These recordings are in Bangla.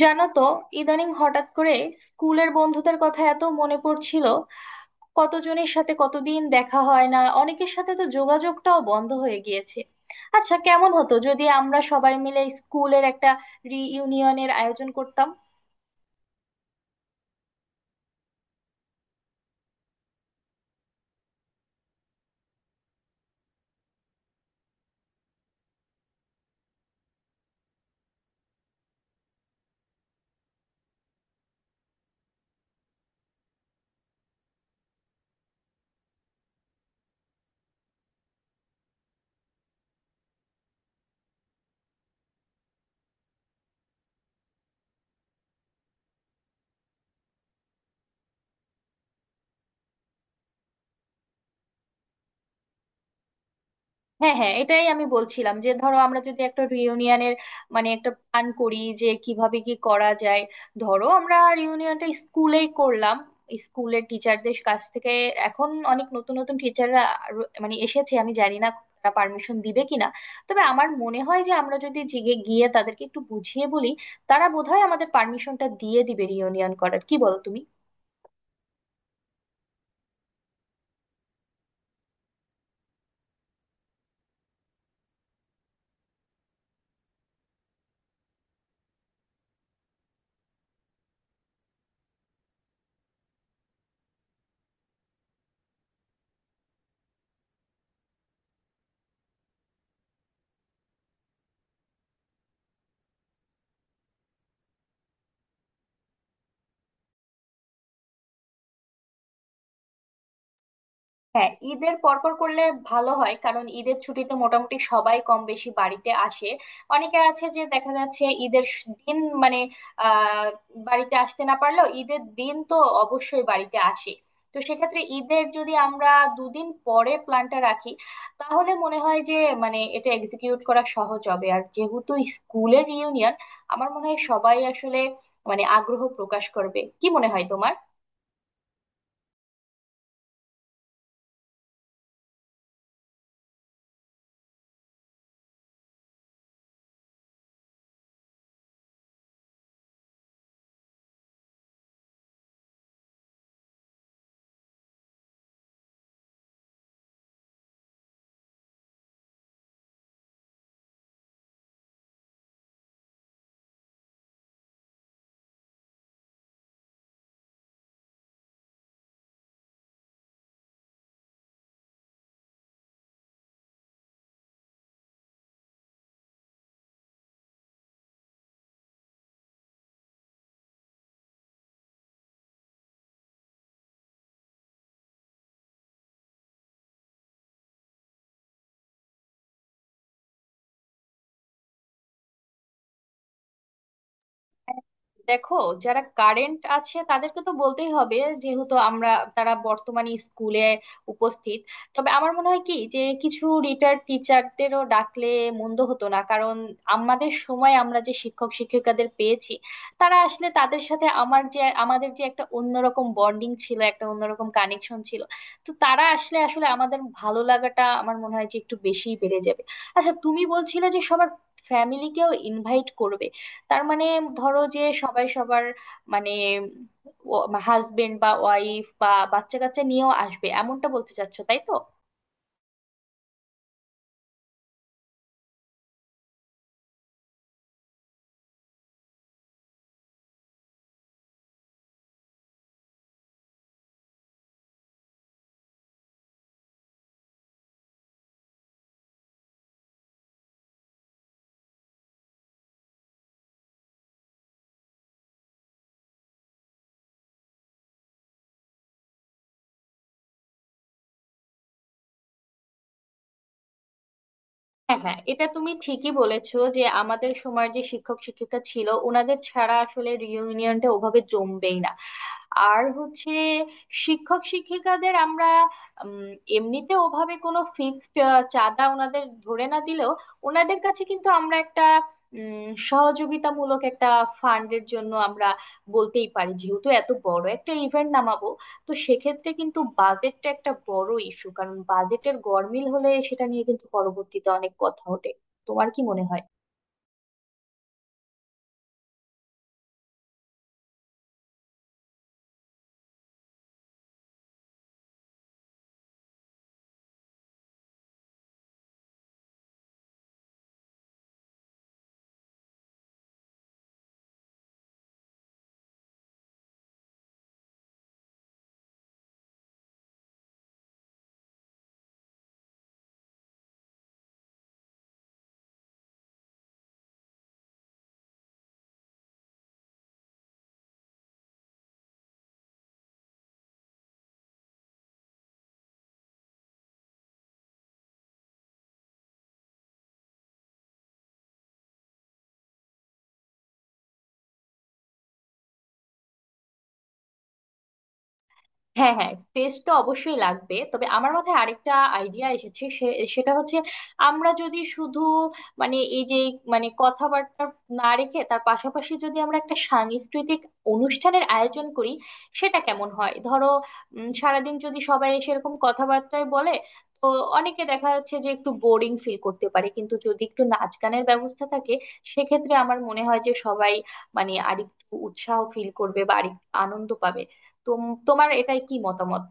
জানো তো, ইদানিং হঠাৎ করে স্কুলের বন্ধুদের কথা এত মনে পড়ছিল। কতজনের সাথে কতদিন দেখা হয় না, অনেকের সাথে তো যোগাযোগটাও বন্ধ হয়ে গিয়েছে। আচ্ছা, কেমন হতো যদি আমরা সবাই মিলে স্কুলের একটা রিইউনিয়নের আয়োজন করতাম? হ্যাঁ হ্যাঁ, এটাই আমি বলছিলাম যে ধরো আমরা যদি একটা রিউনিয়নের একটা প্ল্যান করি যে কিভাবে কি করা যায়। ধরো আমরা রিউনিয়নটা স্কুলেই করলাম, স্কুলের টিচারদের কাছ থেকে। এখন অনেক নতুন নতুন টিচাররা এসেছে, আমি জানি না তারা পারমিশন দিবে কিনা। তবে আমার মনে হয় যে আমরা যদি জিগে গিয়ে তাদেরকে একটু বুঝিয়ে বলি, তারা বোধহয় আমাদের পারমিশনটা দিয়ে দিবে রিউনিয়ন করার। কি বলো তুমি? হ্যাঁ, ঈদের পরপর করলে ভালো হয়, কারণ ঈদের ছুটিতে মোটামুটি সবাই কম বেশি বাড়িতে আসে। অনেকে আছে যে দেখা যাচ্ছে ঈদের দিন মানে আহ বাড়িতে আসতে না পারলেও ঈদের দিন তো অবশ্যই বাড়িতে আসে। তো সেক্ষেত্রে ঈদের যদি আমরা দুদিন পরে প্ল্যানটা রাখি, তাহলে মনে হয় যে এটা এক্সিকিউট করা সহজ হবে। আর যেহেতু স্কুলের রিউনিয়ন, আমার মনে হয় সবাই আসলে আগ্রহ প্রকাশ করবে। কি মনে হয় তোমার? দেখো, যারা কারেন্ট আছে তাদেরকে তো বলতেই হবে, যেহেতু তারা বর্তমানে স্কুলে উপস্থিত। তবে আমার মনে হয় কি, যে কিছু রিটায়ার্ড টিচারদেরও ডাকলে মন্দ হতো না, কারণ আমাদের সময় আমরা যে শিক্ষক শিক্ষিকাদের পেয়েছি তারা আসলে, তাদের সাথে আমার যে আমাদের যে একটা অন্যরকম বন্ডিং ছিল, একটা অন্যরকম কানেকশন ছিল। তো তারা আসলে আসলে আমাদের ভালো লাগাটা আমার মনে হয় যে একটু বেশিই বেড়ে যাবে। আচ্ছা, তুমি বলছিলে যে সবার ফ্যামিলিকেও ইনভাইট করবে। তার মানে ধরো যে সবাই সবার মানে হাজবেন্ড বা ওয়াইফ বা বাচ্চা কাচ্চা নিয়েও আসবে, এমনটা বলতে চাচ্ছো তাই তো? হ্যাঁ হ্যাঁ, এটা তুমি ঠিকই বলেছো যে আমাদের সময় যে শিক্ষক শিক্ষিকা ছিল, ওনাদের ছাড়া আসলে রিইউনিয়নটা ওভাবে জমবেই না। আর হচ্ছে, শিক্ষক শিক্ষিকাদের আমরা উম, এমনিতে ওভাবে কোনো ফিক্সড চাঁদা ওনাদের ধরে না দিলেও, ওনাদের কাছে কিন্তু আমরা একটা সহযোগিতামূলক একটা ফান্ডের জন্য আমরা বলতেই পারি, যেহেতু এত বড় একটা ইভেন্ট নামাবো। তো সেক্ষেত্রে কিন্তু বাজেটটা একটা বড় ইস্যু, কারণ বাজেটের গরমিল হলে সেটা নিয়ে কিন্তু পরবর্তীতে অনেক কথা ওঠে। তোমার কি মনে হয়? হ্যাঁ হ্যাঁ, স্পেস তো অবশ্যই লাগবে। তবে আমার মাথায় আরেকটা আইডিয়া এসেছে, সেটা হচ্ছে আমরা যদি শুধু মানে এই যে মানে কথাবার্তা না রেখে তার পাশাপাশি যদি আমরা একটা সাংস্কৃতিক অনুষ্ঠানের আয়োজন করি, সেটা কেমন হয়? ধরো সারাদিন যদি সবাই সেরকম কথাবার্তায় বলে, তো অনেকে দেখা যাচ্ছে যে একটু বোরিং ফিল করতে পারে। কিন্তু যদি একটু নাচ গানের ব্যবস্থা থাকে, সেক্ষেত্রে আমার মনে হয় যে সবাই আরেকটু উৎসাহ ফিল করবে বা আরেকটু আনন্দ পাবে। তোমার এটাই কি মতামত?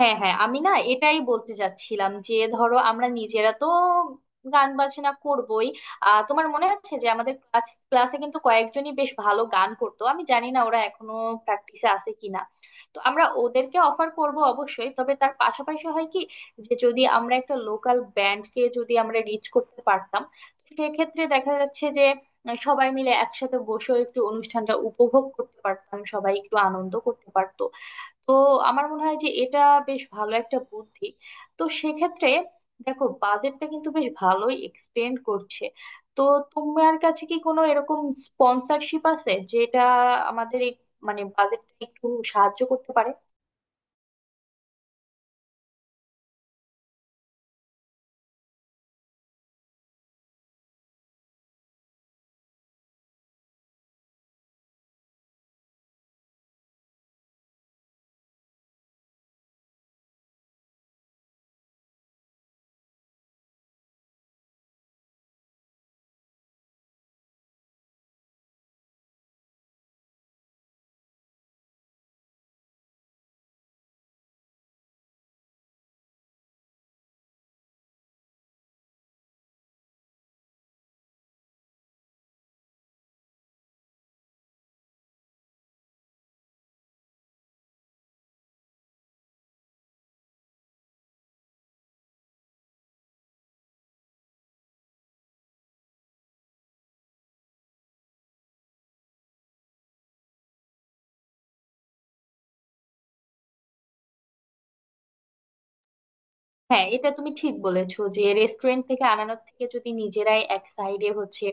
হ্যাঁ হ্যাঁ, আমি না এটাই বলতে চাচ্ছিলাম যে ধরো আমরা নিজেরা তো গান বাজনা করবোই। তোমার মনে আছে যে আমাদের ক্লাসে কিন্তু কয়েকজনই বেশ ভালো গান করতো, আমি জানি না ওরা এখনো প্র্যাকটিসে আছে কিনা। তো আমরা ওদেরকে অফার করব অবশ্যই। তবে তার পাশাপাশি হয় কি, যে যদি আমরা একটা লোকাল ব্যান্ডকে যদি আমরা রিচ করতে পারতাম, তো সেক্ষেত্রে দেখা যাচ্ছে যে সবাই মিলে একসাথে বসেও একটু অনুষ্ঠানটা উপভোগ করতে পারতাম, সবাই একটু আনন্দ করতে পারতো। তো আমার মনে হয় যে এটা বেশ ভালো একটা বুদ্ধি। তো সেক্ষেত্রে দেখো, বাজেটটা কিন্তু বেশ ভালোই এক্সটেন্ড করছে। তো তোমার কাছে কি কোনো এরকম স্পন্সরশিপ আছে যেটা আমাদের এই বাজেটটা একটু সাহায্য করতে পারে? হ্যাঁ, এটা তুমি ঠিক বলেছো যে রেস্টুরেন্ট থেকে আনানোর থেকে যদি নিজেরাই এক সাইডে হচ্ছে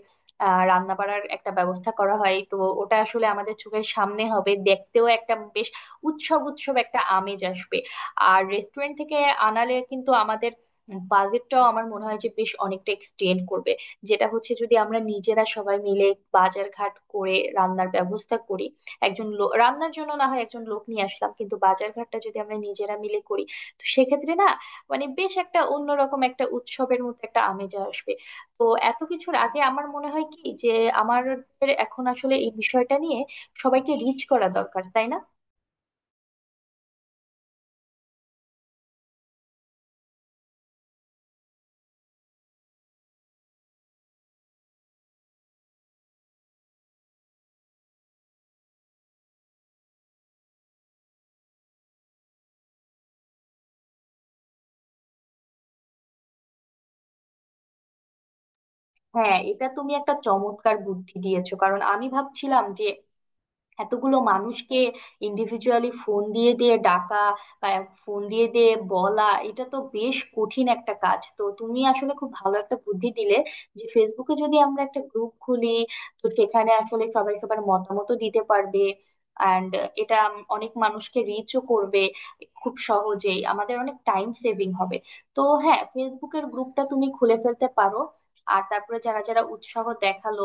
রান্না বাড়ার একটা ব্যবস্থা করা হয়, তো ওটা আসলে আমাদের চোখের সামনে হবে, দেখতেও একটা বেশ উৎসব উৎসব একটা আমেজ আসবে। আর রেস্টুরেন্ট থেকে আনালে কিন্তু আমাদের বাজেটটাও আমার মনে হয় যে বেশ অনেকটা এক্সটেন্ড করবে। যেটা হচ্ছে, যদি আমরা নিজেরা সবাই মিলে বাজার ঘাট করে রান্নার ব্যবস্থা করি, একজন লোক রান্নার জন্য না হয় একজন লোক নিয়ে আসলাম, কিন্তু বাজার ঘাটটা যদি আমরা নিজেরা মিলে করি, তো সেক্ষেত্রে না বেশ একটা অন্যরকম একটা উৎসবের মতো একটা আমেজ আসবে। তো এত কিছুর আগে আমার মনে হয় কি, যে আমাদের এখন আসলে এই বিষয়টা নিয়ে সবাইকে রিচ করা দরকার, তাই না? হ্যাঁ, এটা তুমি একটা চমৎকার বুদ্ধি দিয়েছো, কারণ আমি ভাবছিলাম যে এতগুলো মানুষকে ইন্ডিভিজুয়ালি ফোন দিয়ে দিয়ে ডাকা বা ফোন দিয়ে দিয়ে বলা এটা তো বেশ কঠিন একটা কাজ। তো তুমি আসলে খুব ভালো একটা বুদ্ধি দিলে যে ফেসবুকে যদি আমরা একটা গ্রুপ খুলি, তো সেখানে আসলে সবাই সবার মতামতও দিতে পারবে অ্যান্ড এটা অনেক মানুষকে রিচও করবে। খুব সহজেই আমাদের অনেক টাইম সেভিং হবে। তো হ্যাঁ, ফেসবুকের গ্রুপটা তুমি খুলে ফেলতে পারো। আর তারপরে যারা যারা উৎসাহ দেখালো